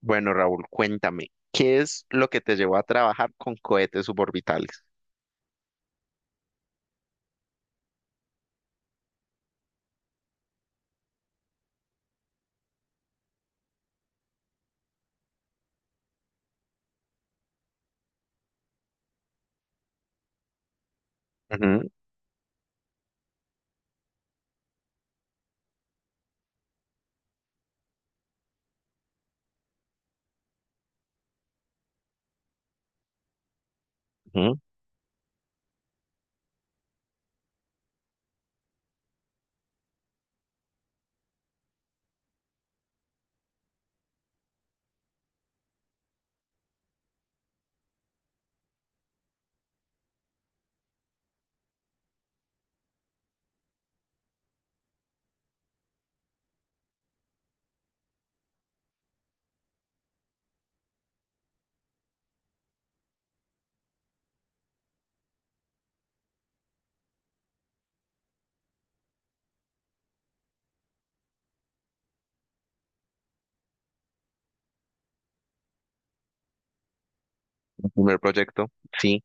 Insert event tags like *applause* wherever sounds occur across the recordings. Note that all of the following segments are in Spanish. Bueno, Raúl, cuéntame, ¿qué es lo que te llevó a trabajar con cohetes suborbitales? Ujú, ujú, el primer proyecto, sí,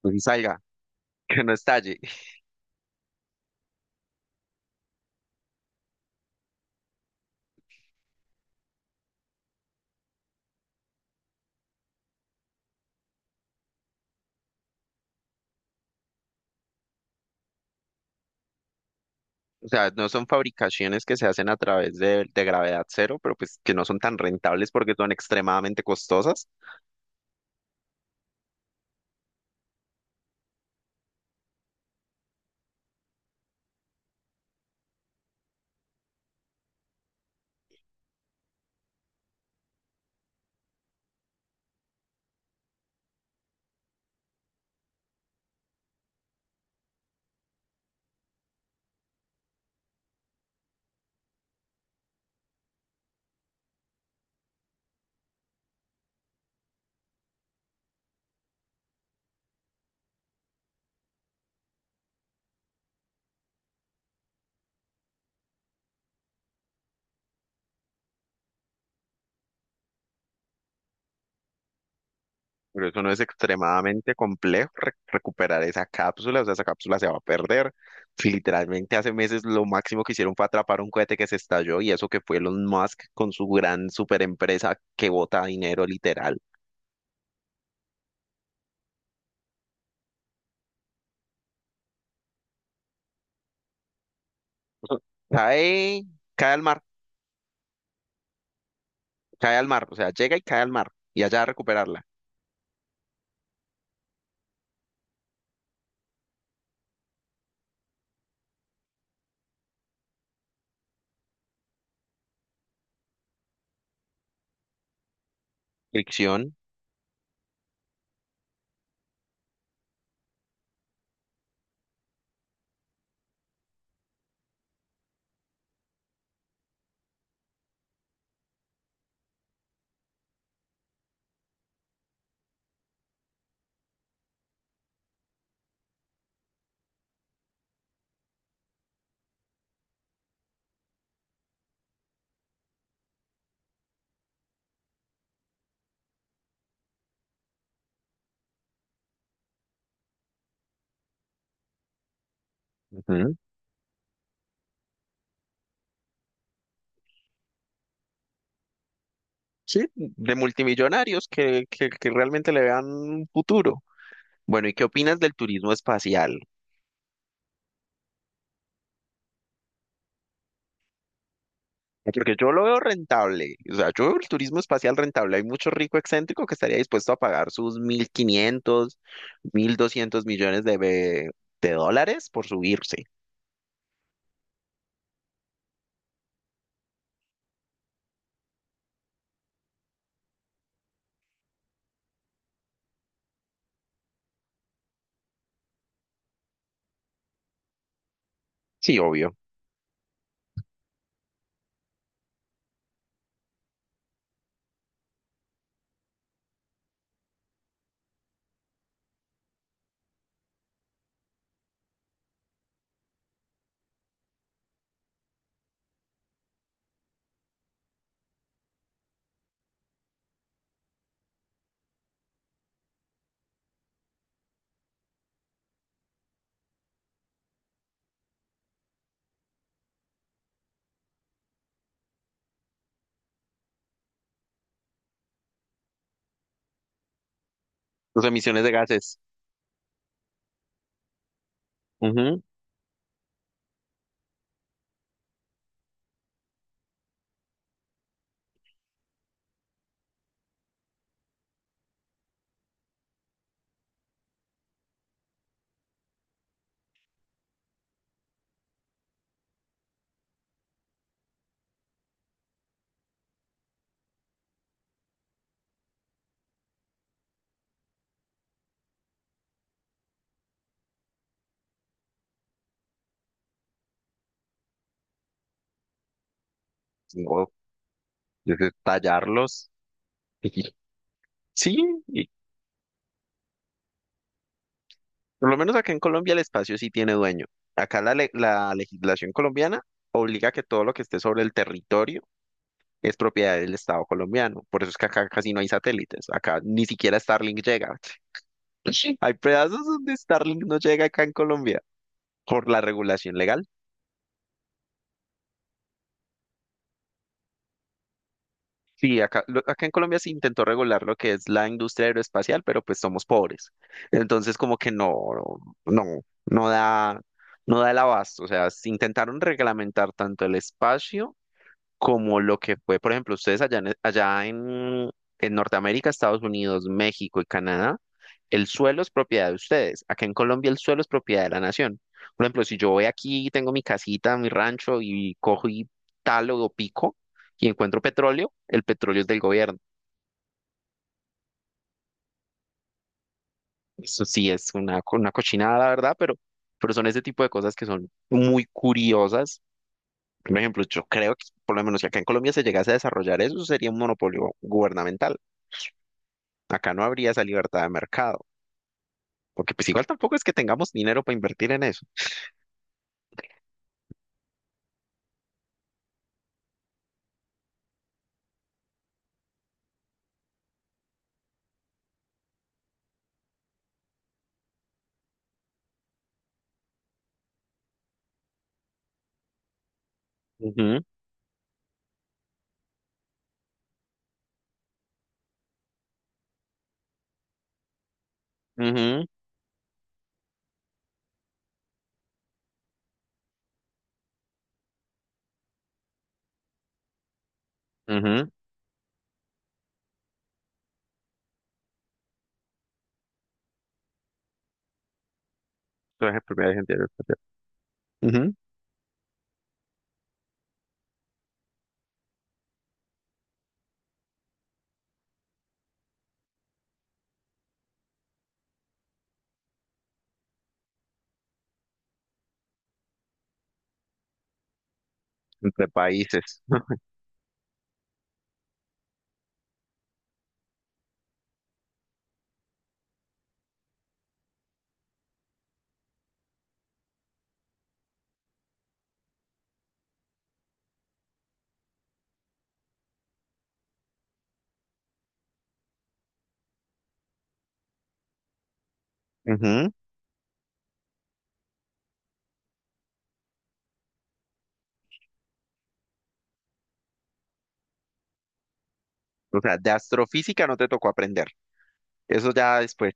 pues sí salga, *laughs* que no estalle. *laughs* O sea, no son fabricaciones que se hacen a través de gravedad cero, pero pues que no son tan rentables porque son extremadamente costosas. Pero eso no es extremadamente complejo recuperar esa cápsula, o sea, esa cápsula se va a perder. Sí, literalmente hace meses lo máximo que hicieron fue atrapar un cohete que se estalló y eso que fue Elon Musk con su gran super empresa que bota dinero literal. *laughs* O sea, cae, cae al mar, cae al mar, o sea, llega y cae al mar y allá a recuperarla. Fricción, ujú. Sí, de multimillonarios que realmente le vean un futuro. Bueno, ¿y qué opinas del turismo espacial? Porque yo lo veo rentable, o sea, yo veo el turismo espacial rentable. Hay mucho rico excéntrico que estaría dispuesto a pagar sus mil quinientos mil doscientos millones de, de dólares por subirse. Sí, obvio. Sus emisiones de gases. Ujú. No, desde tallarlos. Y sí, y por lo menos acá en Colombia el espacio sí tiene dueño. Acá la legislación colombiana obliga a que todo lo que esté sobre el territorio es propiedad del Estado colombiano. Por eso es que acá casi no hay satélites. Acá ni siquiera Starlink llega. Hay pedazos donde Starlink no llega acá en Colombia por la regulación legal. Sí, acá, acá en Colombia se intentó regular lo que es la industria aeroespacial, pero pues somos pobres. Entonces como que no, no, no da, no da el abasto. O sea, se intentaron reglamentar tanto el espacio como lo que fue, por ejemplo, ustedes allá en Norteamérica, Estados Unidos, México y Canadá, el suelo es propiedad de ustedes. Acá en Colombia el suelo es propiedad de la nación. Por ejemplo, si yo voy aquí, tengo mi casita, mi rancho y cojo y talo o pico y encuentro petróleo, el petróleo es del gobierno. Eso sí es una, una cochinada, la verdad, pero son ese tipo de cosas que son muy curiosas. Por ejemplo, yo creo que por lo menos si acá en Colombia se llegase a desarrollar eso, sería un monopolio gubernamental. Acá no habría esa libertad de mercado, porque pues igual tampoco es que tengamos dinero para invertir en eso. Ujú, ujú, ujú. Traje propiedades interiores, ujú. Entre países. Ujú. O sea, de astrofísica no te tocó aprender. Eso ya después.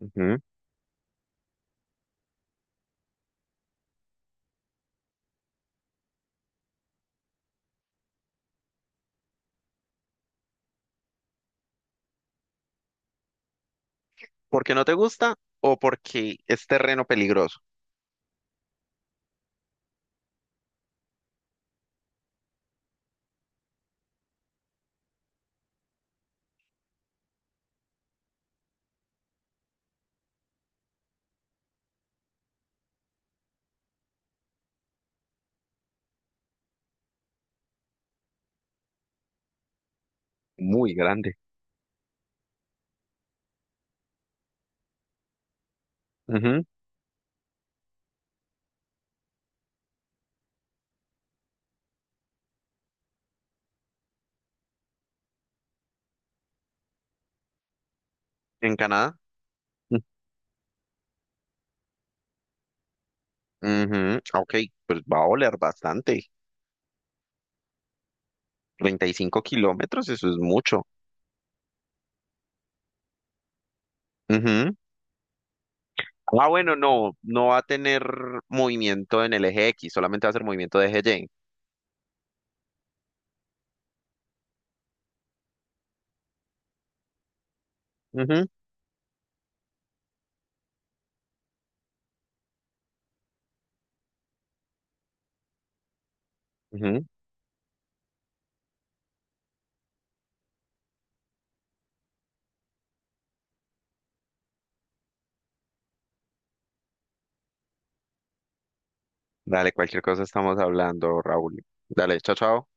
Ujú. ¿Porque no te gusta o porque es terreno peligroso? Muy grande. Ujú. ¿En Canadá? Ujú, ok, pues va a oler bastante. 35 kilómetros, eso es mucho. Ujú. Ah, bueno, no, no va a tener movimiento en el eje X, solamente va a ser movimiento de eje Y. Ujú, ujú. Dale, cualquier cosa estamos hablando, Raúl. Dale, chao, chao.